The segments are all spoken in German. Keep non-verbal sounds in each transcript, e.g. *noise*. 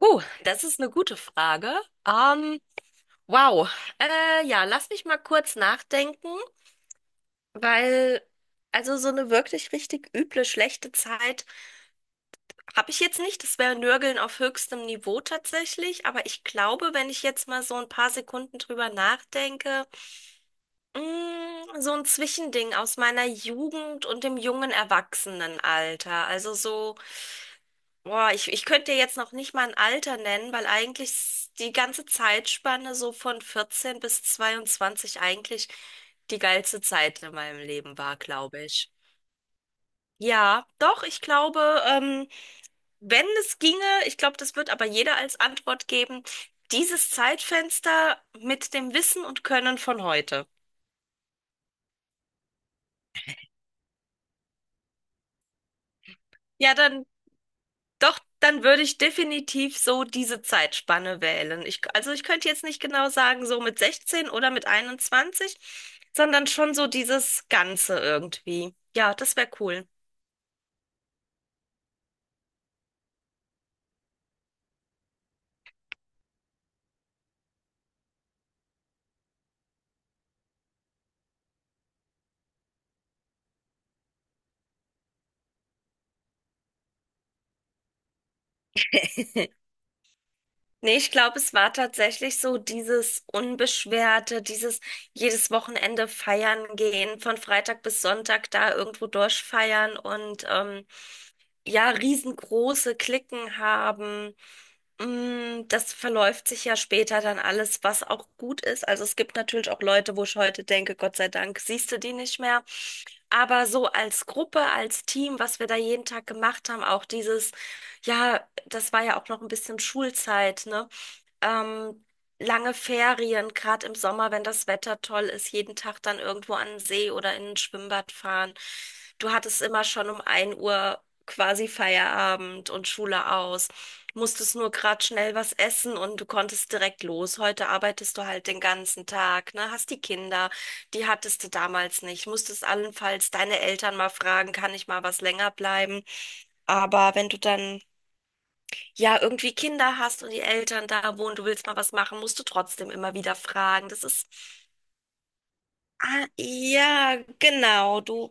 Das ist eine gute Frage. Ähm, wow. Ja, lass mich mal kurz nachdenken, weil also so eine wirklich richtig üble, schlechte Zeit habe ich jetzt nicht. Das wäre Nörgeln auf höchstem Niveau tatsächlich. Aber ich glaube, wenn ich jetzt mal so ein paar Sekunden drüber nachdenke, so ein Zwischending aus meiner Jugend und dem jungen Erwachsenenalter. Also so. Boah, ich könnte dir jetzt noch nicht mal ein Alter nennen, weil eigentlich die ganze Zeitspanne so von 14 bis 22 eigentlich die geilste Zeit in meinem Leben war, glaube ich. Ja, doch, ich glaube, wenn es ginge, ich glaube, das wird aber jeder als Antwort geben, dieses Zeitfenster mit dem Wissen und Können von heute. Ja, dann Doch, dann würde ich definitiv so diese Zeitspanne wählen. Ich, also ich könnte jetzt nicht genau sagen, so mit 16 oder mit 21, sondern schon so dieses Ganze irgendwie. Ja, das wäre cool. *laughs* Nee, ich glaube, es war tatsächlich so dieses Unbeschwerte, dieses jedes Wochenende feiern gehen, von Freitag bis Sonntag da irgendwo durchfeiern und ja, riesengroße Cliquen haben. Das verläuft sich ja später dann alles, was auch gut ist. Also es gibt natürlich auch Leute, wo ich heute denke, Gott sei Dank, siehst du die nicht mehr. Aber so als Gruppe, als Team, was wir da jeden Tag gemacht haben, auch dieses, ja, das war ja auch noch ein bisschen Schulzeit, ne? ähm, Lange Ferien, gerade im Sommer, wenn das Wetter toll ist, jeden Tag dann irgendwo an den See oder in ein Schwimmbad fahren. Du hattest immer schon um 1 Uhr quasi Feierabend und Schule aus, musstest nur gerade schnell was essen und du konntest direkt los. Heute arbeitest du halt den ganzen Tag, ne? Hast die Kinder, die hattest du damals nicht. Musstest allenfalls deine Eltern mal fragen, kann ich mal was länger bleiben? Aber wenn du dann ja irgendwie Kinder hast und die Eltern da wohnen, du willst mal was machen, musst du trotzdem immer wieder fragen. Das ist, ah, ja, genau, du,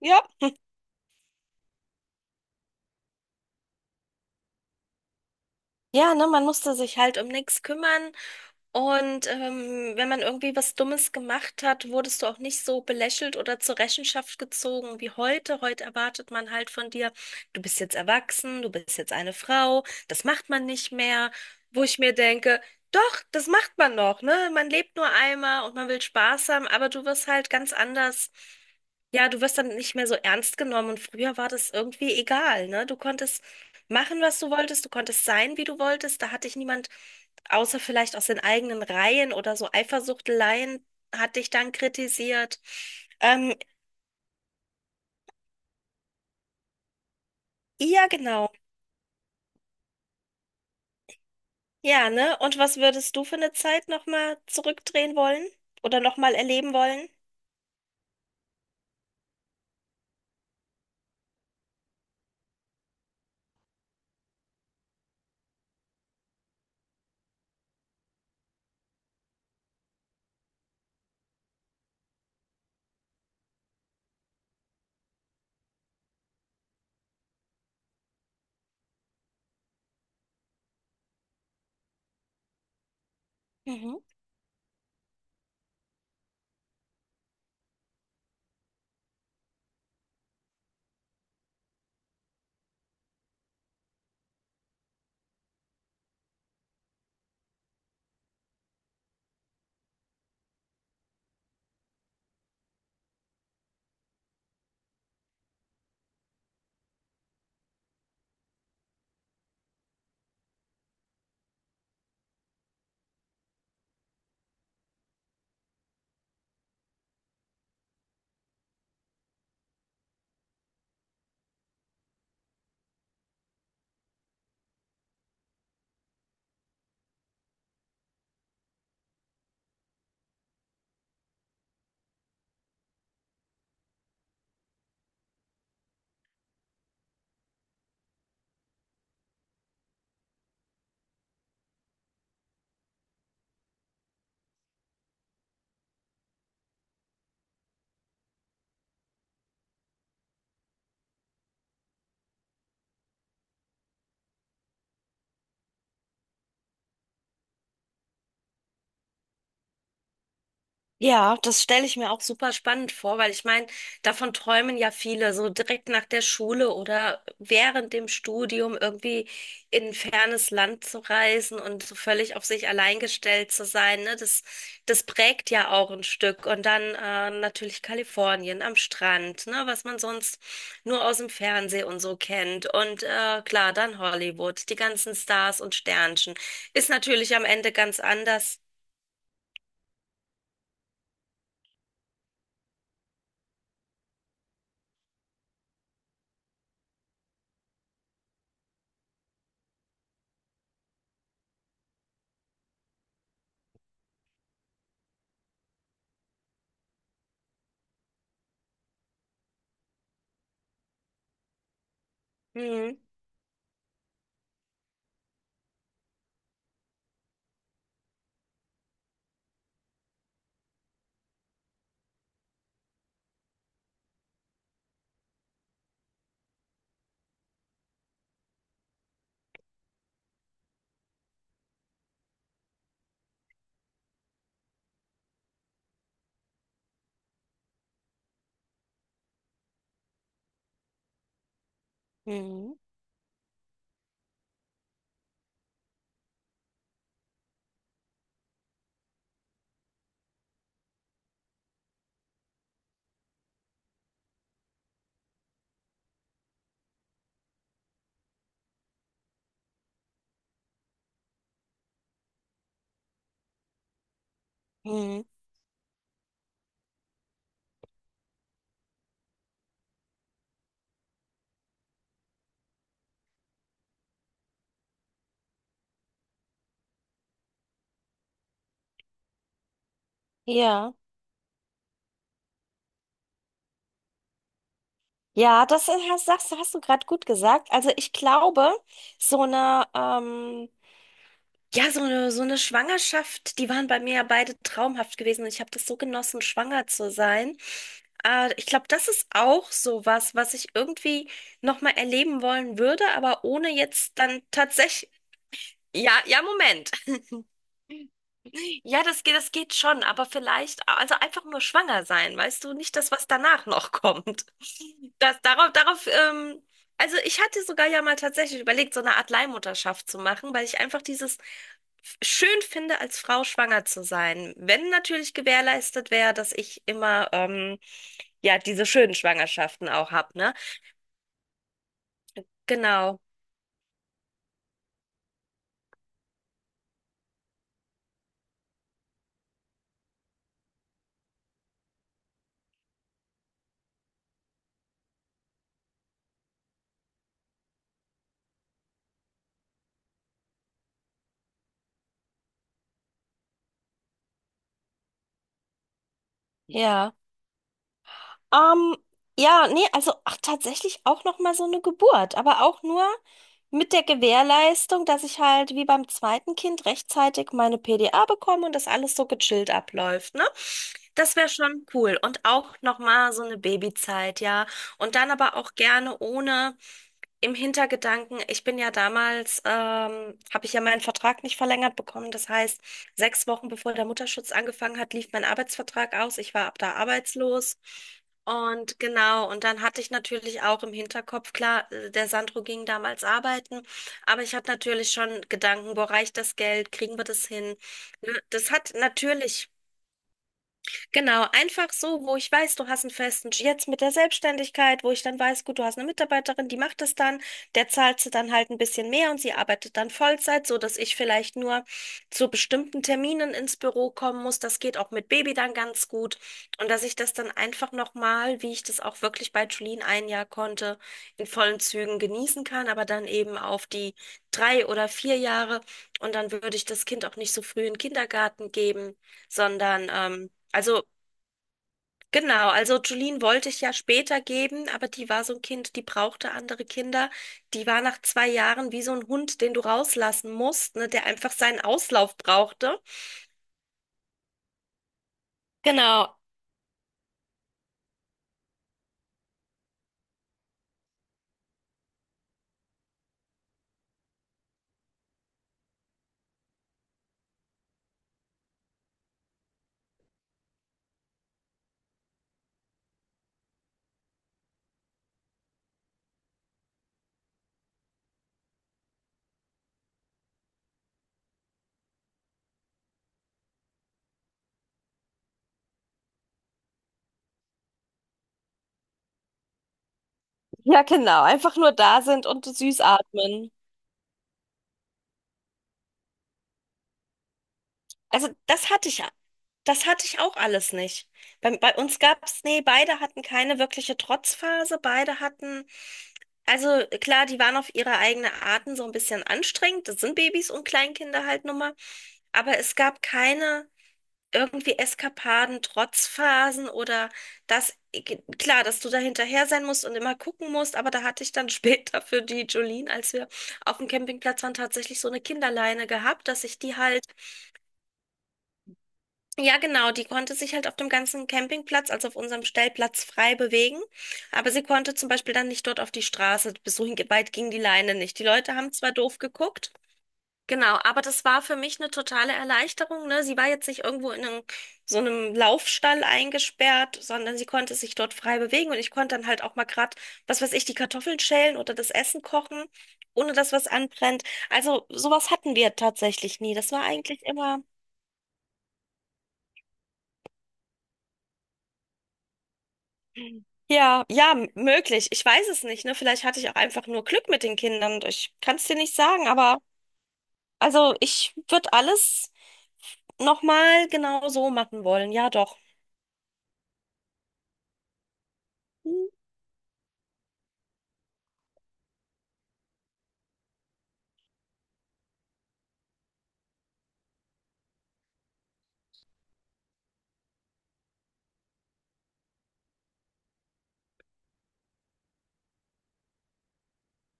ja, ja, ne, man musste sich halt um nichts kümmern. Und wenn man irgendwie was Dummes gemacht hat, wurdest du auch nicht so belächelt oder zur Rechenschaft gezogen wie heute. Heute erwartet man halt von dir, du bist jetzt erwachsen, du bist jetzt eine Frau, das macht man nicht mehr. Wo ich mir denke, doch, das macht man noch, ne? Man lebt nur einmal und man will Spaß haben, aber du wirst halt ganz anders. Ja, du wirst dann nicht mehr so ernst genommen und früher war das irgendwie egal, ne? Du konntest machen, was du wolltest, du konntest sein, wie du wolltest, da hat dich niemand außer vielleicht aus den eigenen Reihen oder so Eifersuchteleien hat dich dann kritisiert. Ähm, ja, genau. Ja, ne? Und was würdest du für eine Zeit nochmal zurückdrehen wollen oder nochmal erleben wollen? Mhm. Ja, das stelle ich mir auch super spannend vor, weil ich meine, davon träumen ja viele, so direkt nach der Schule oder während dem Studium irgendwie in ein fernes Land zu reisen und so völlig auf sich allein gestellt zu sein, ne? Das prägt ja auch ein Stück. Und dann natürlich Kalifornien am Strand, ne? Was man sonst nur aus dem Fernsehen und so kennt. Und klar, dann Hollywood, die ganzen Stars und Sternchen. Ist natürlich am Ende ganz anders. Mhm. Mhm. Mhm. Ja, ja, das ist- hast, sagst, hast du gerade gut gesagt. Also ich glaube, so eine, ja, so eine Schwangerschaft, die waren bei mir ja beide traumhaft gewesen und ich habe das so genossen, schwanger zu sein. Ich glaube, das ist auch so was, was ich irgendwie nochmal erleben wollen würde, aber ohne jetzt dann tatsächlich. *laughs* Ja, ja, Moment. Ja, das geht schon, aber vielleicht, also einfach nur schwanger sein, weißt du, nicht das, was danach noch *laughs* kommt. Darauf, also ich hatte sogar ja mal tatsächlich überlegt, so eine Art Leihmutterschaft zu machen, weil ich einfach dieses schön finde, als Frau schwanger zu sein. Wenn natürlich gewährleistet wäre, dass ich immer, ja, diese schönen Schwangerschaften auch hab, ne? Genau. Ja. Ähm, ja, nee, also ach, tatsächlich auch noch mal so eine Geburt, aber auch nur mit der Gewährleistung, dass ich halt wie beim zweiten Kind rechtzeitig meine PDA bekomme und das alles so gechillt abläuft, ne? Das wäre schon cool und auch noch mal so eine Babyzeit, ja. Und dann aber auch gerne ohne im Hintergedanken, ich bin ja damals, habe ich ja meinen Vertrag nicht verlängert bekommen. Das heißt, 6 Wochen bevor der Mutterschutz angefangen hat, lief mein Arbeitsvertrag aus. Ich war ab da arbeitslos. Und genau, und dann hatte ich natürlich auch im Hinterkopf, klar, der Sandro ging damals arbeiten, aber ich hatte natürlich schon Gedanken, wo reicht das Geld, kriegen wir das hin? Ne, Das hat natürlich Genau, einfach so, wo ich weiß, du hast einen festen, jetzt mit der Selbstständigkeit, wo ich dann weiß, gut, du hast eine Mitarbeiterin, die macht das dann, der zahlt sie dann halt ein bisschen mehr und sie arbeitet dann Vollzeit, so dass ich vielleicht nur zu bestimmten Terminen ins Büro kommen muss. Das geht auch mit Baby dann ganz gut und dass ich das dann einfach nochmal, wie ich das auch wirklich bei Julien ein Jahr konnte, in vollen Zügen genießen kann, aber dann eben auf die 3 oder 4 Jahre und dann würde ich das Kind auch nicht so früh in den Kindergarten geben, sondern also genau, also Julien wollte ich ja später geben, aber die war so ein Kind, die brauchte andere Kinder. Die war nach 2 Jahren wie so ein Hund, den du rauslassen musst, ne, der einfach seinen Auslauf brauchte. Genau. Ja, genau. Einfach nur da sind und süß atmen. Also das hatte ich auch alles nicht. Bei uns gab es, nee, beide hatten keine wirkliche Trotzphase, beide hatten, also klar, die waren auf ihre eigene Arten so ein bisschen anstrengend, das sind Babys und Kleinkinder halt nun mal, aber es gab keine irgendwie Eskapaden, Trotzphasen oder das, klar, dass du da hinterher sein musst und immer gucken musst, aber da hatte ich dann *laughs* später für die Jolene, als wir auf dem Campingplatz waren, tatsächlich so eine Kinderleine gehabt, dass ich die halt ja, genau. Die konnte sich halt auf dem ganzen Campingplatz, also auf unserem Stellplatz, frei bewegen. Aber sie konnte zum Beispiel dann nicht dort auf die Straße. Bis so weit ging die Leine nicht. Die Leute haben zwar doof geguckt, genau, aber das war für mich eine totale Erleichterung, ne? Sie war jetzt nicht irgendwo in einem, so einem Laufstall eingesperrt, sondern sie konnte sich dort frei bewegen und ich konnte dann halt auch mal grad, was weiß ich, die Kartoffeln schälen oder das Essen kochen, ohne dass was anbrennt. Also sowas hatten wir tatsächlich nie. Das war eigentlich immer. Ja, ja, möglich. Ich weiß es nicht, ne? Vielleicht hatte ich auch einfach nur Glück mit den Kindern. Ich kann es dir nicht sagen, aber also ich würde alles nochmal genau so machen wollen. Ja, doch. Hm,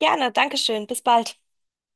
Gerne, Dankeschön. Bis bald.